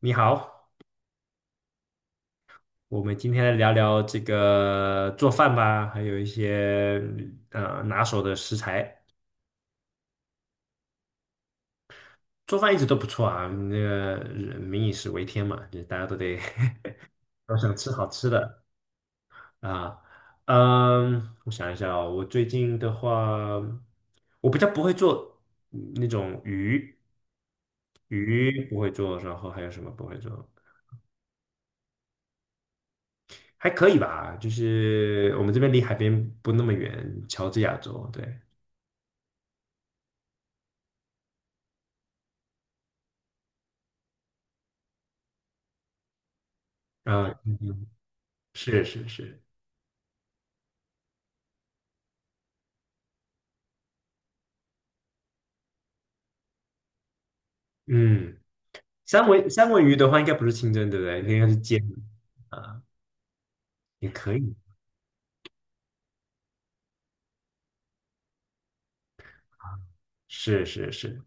你好，我们今天来聊聊这个做饭吧，还有一些拿手的食材。做饭一直都不错啊，那个人民以食为天嘛，就是大家都得。 都想吃好吃的啊。嗯，我想一下哦，我最近的话，我比较不会做那种鱼，鱼不会做，然后还有什么不会做？还可以吧，就是我们这边离海边不那么远，乔治亚州，对。啊，嗯嗯，是是是，嗯，三文鱼的话应该不是清蒸，对不对？应该是煎的啊，也可以，是是是，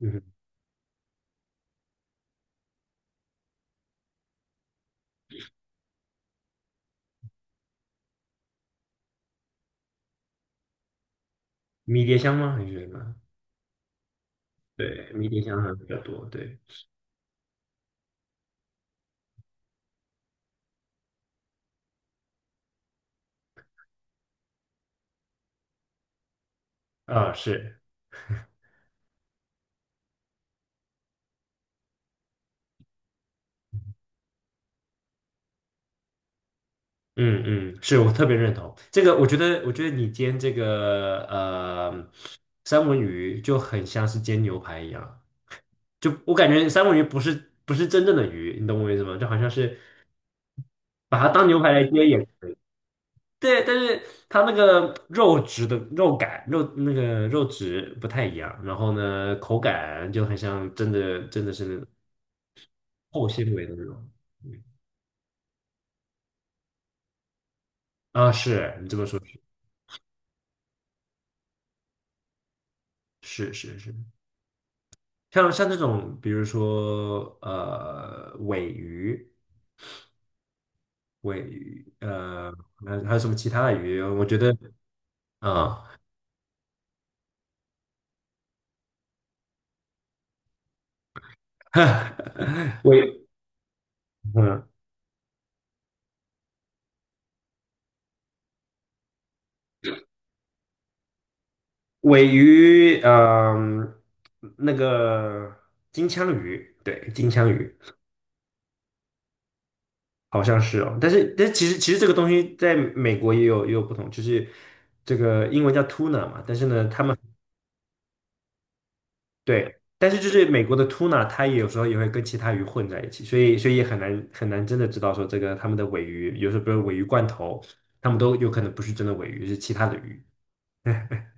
嗯，迷迭香吗？还是什么？对，迷迭香好像比较多，对，啊，是，嗯嗯，是我特别认同这个，我觉得你煎这个三文鱼就很像是煎牛排一样，就我感觉三文鱼不是真正的鱼，你懂我意思吗？就好像是把它当牛排来煎也可以。对，但是它那个肉质的肉感，肉那个肉质不太一样，然后呢，口感就很像真的是那种厚纤维的那种。嗯啊，是你这么说是，是是是，像这种，比如说尾鱼、尾鱼，呃，还有什么其他的鱼？我觉得啊，尾嗯尾鱼，嗯，那个金枪鱼，对，金枪鱼。好像是哦，但是其实这个东西在美国也有不同，就是这个英文叫 tuna 嘛，但是呢，他们，对，但是就是美国的 tuna 它也有时候也会跟其他鱼混在一起，所以也很难真的知道说这个他们的尾鱼，有时候比如尾鱼罐头，他们都有可能不是真的尾鱼，是其他的鱼。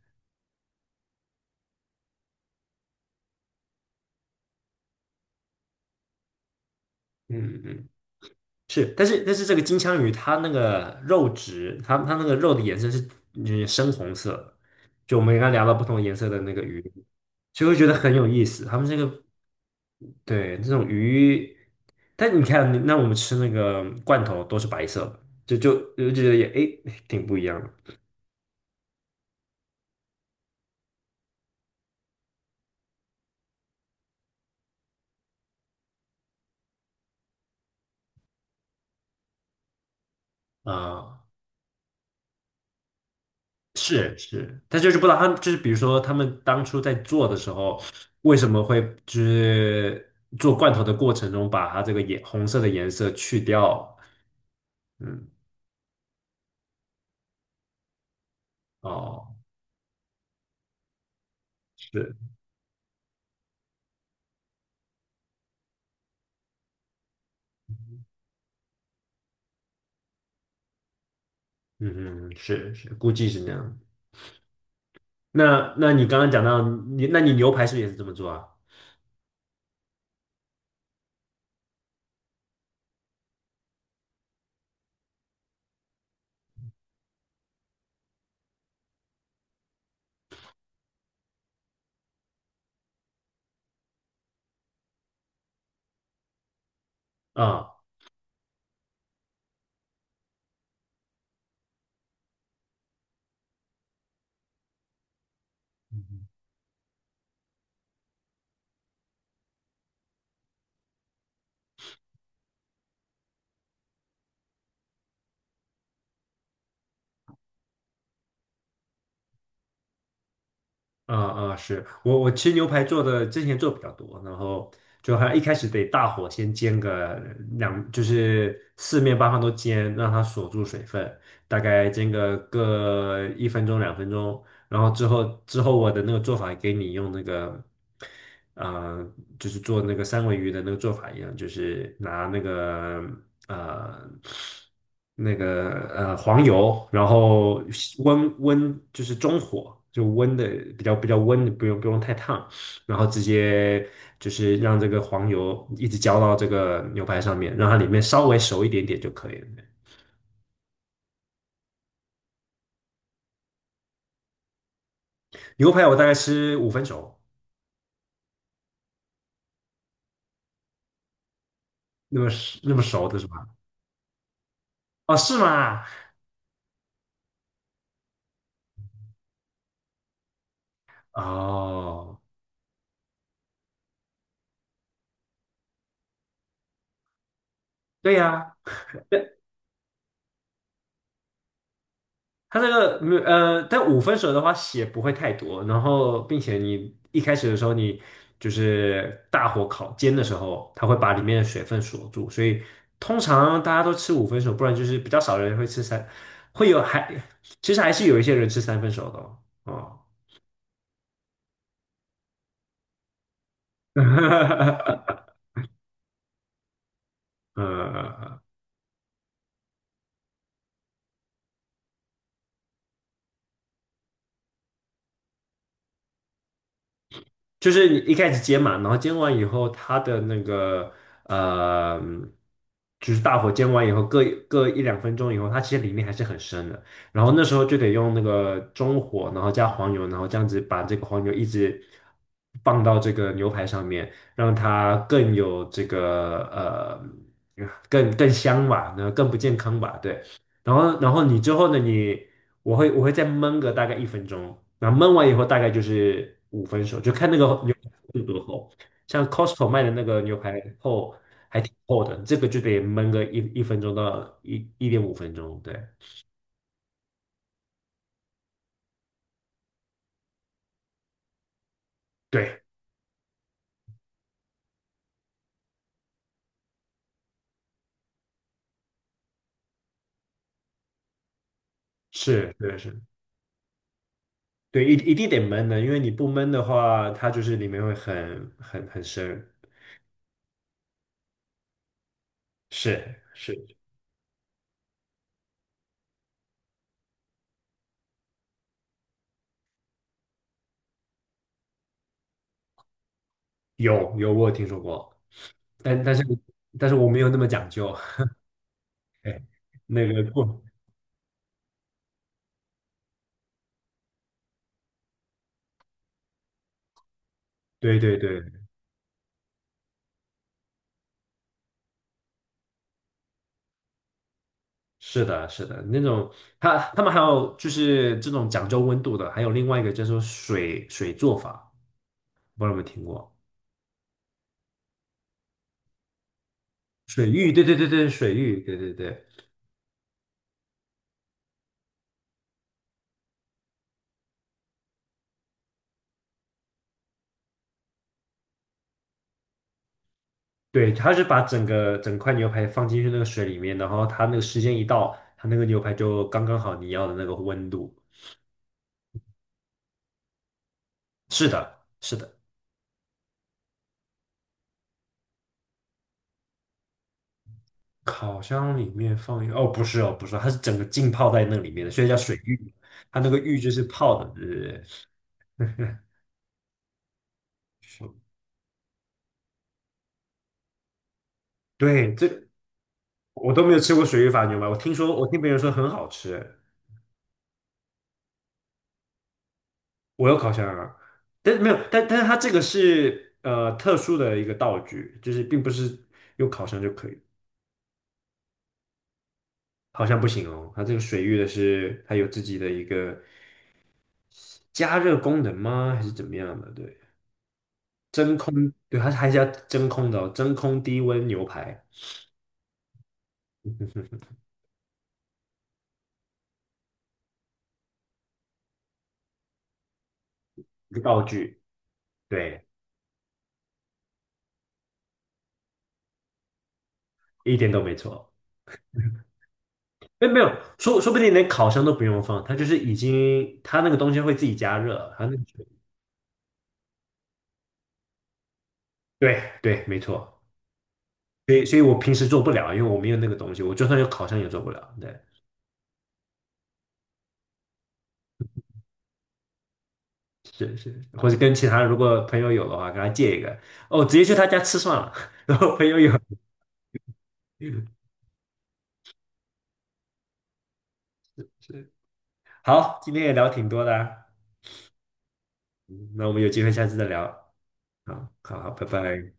嗯嗯，是，但是这个金枪鱼它那个肉质，它那个肉的颜色是深红色的。就我们刚刚聊到不同颜色的那个鱼，就会觉得很有意思。他们这个，对，这种鱼，但你看，那我们吃那个罐头都是白色的，就觉得也诶挺不一样的。啊，是是，但就是不知道他们就是比如说他们当初在做的时候，为什么会就是做罐头的过程中把它这个颜红色的颜色去掉？嗯，哦，是，嗯嗯，是是，估计是那样。那你刚刚讲到你，那你牛排是不是也是这么做啊？啊，啊啊，是我吃牛排做的，之前做比较多，然后就还一开始得大火先煎个两，就是四面八方都煎，让它锁住水分，大概煎个1分钟2分钟，然后之后我的那个做法给你用那个，呃，就是做那个三文鱼的那个做法一样，就是拿那个呃那个黄油，然后温就是中火，就温的比较温的，不用太烫，然后直接就是让这个黄油一直浇到这个牛排上面，让它里面稍微熟一点点就可以了。牛排我大概吃五分熟，那么那么熟的是吧？哦，是吗？哦，对呀，它这个没有，但五分熟的话血不会太多，然后并且你一开始的时候你就是大火烤煎的时候，它会把里面的水分锁住，所以通常大家都吃五分熟，不然就是比较少人会吃三，会有还其实还是有一些人吃三分熟的哦。哦， 嗯，就是你一开始煎嘛，然后煎完以后，它的那个呃，就是大火煎完以后，各一两分钟以后，它其实里面还是很深的。然后那时候就得用那个中火，然后加黄油，然后这样子把这个黄油一直放到这个牛排上面，让它更有这个更香吧，然后更不健康吧，对。然后你之后呢，你。我会再焖个大概一分钟，然后焖完以后大概就是五分熟，就看那个牛排有多厚。像 Costco 卖的那个牛排厚还挺厚的，这个就得焖个一分钟到一点五分钟。对对，是对是，对一定得焖的，因为你不焖的话，它就是里面会很深。是是，我有听说过，但但是我没有那么讲究。哎，那个过，对对对。是的，是的，那种，他们还有就是这种讲究温度的，还有另外一个叫做水做法，不知道有没有听过？水浴，对对对对，水浴，对对对对，他是把整块牛排放进去那个水里面，然后他那个时间一到，他那个牛排就刚刚好你要的那个温度。是的，是的，烤箱里面放一个，哦，不是哦，它是整个浸泡在那里面的，所以叫水浴。它那个浴就是泡的，对对对。对，这我都没有吃过水煮法牛排，我听说，我听别人说很好吃，我有烤箱啊，但是没有，但是它这个是特殊的一个道具，就是并不是用烤箱就可以，好像不行哦，它这个水域的是它有自己的一个加热功能吗？还是怎么样的？对，真空，对，它还是要真空的哦，真空低温牛排，一个道具，对，一点都没错。哎，没有，说不定连烤箱都不用放，它就是已经，它那个东西会自己加热，它那个。对对，没错。所以我平时做不了，因为我没有那个东西。我就算有烤箱也做不了。对，是是，或者跟其他如果朋友有的话，跟他借一个。哦，直接去他家吃算了。然后朋友有，是。好，今天也聊挺多的啊。嗯，那我们有机会下次再聊。好，好，好，拜拜。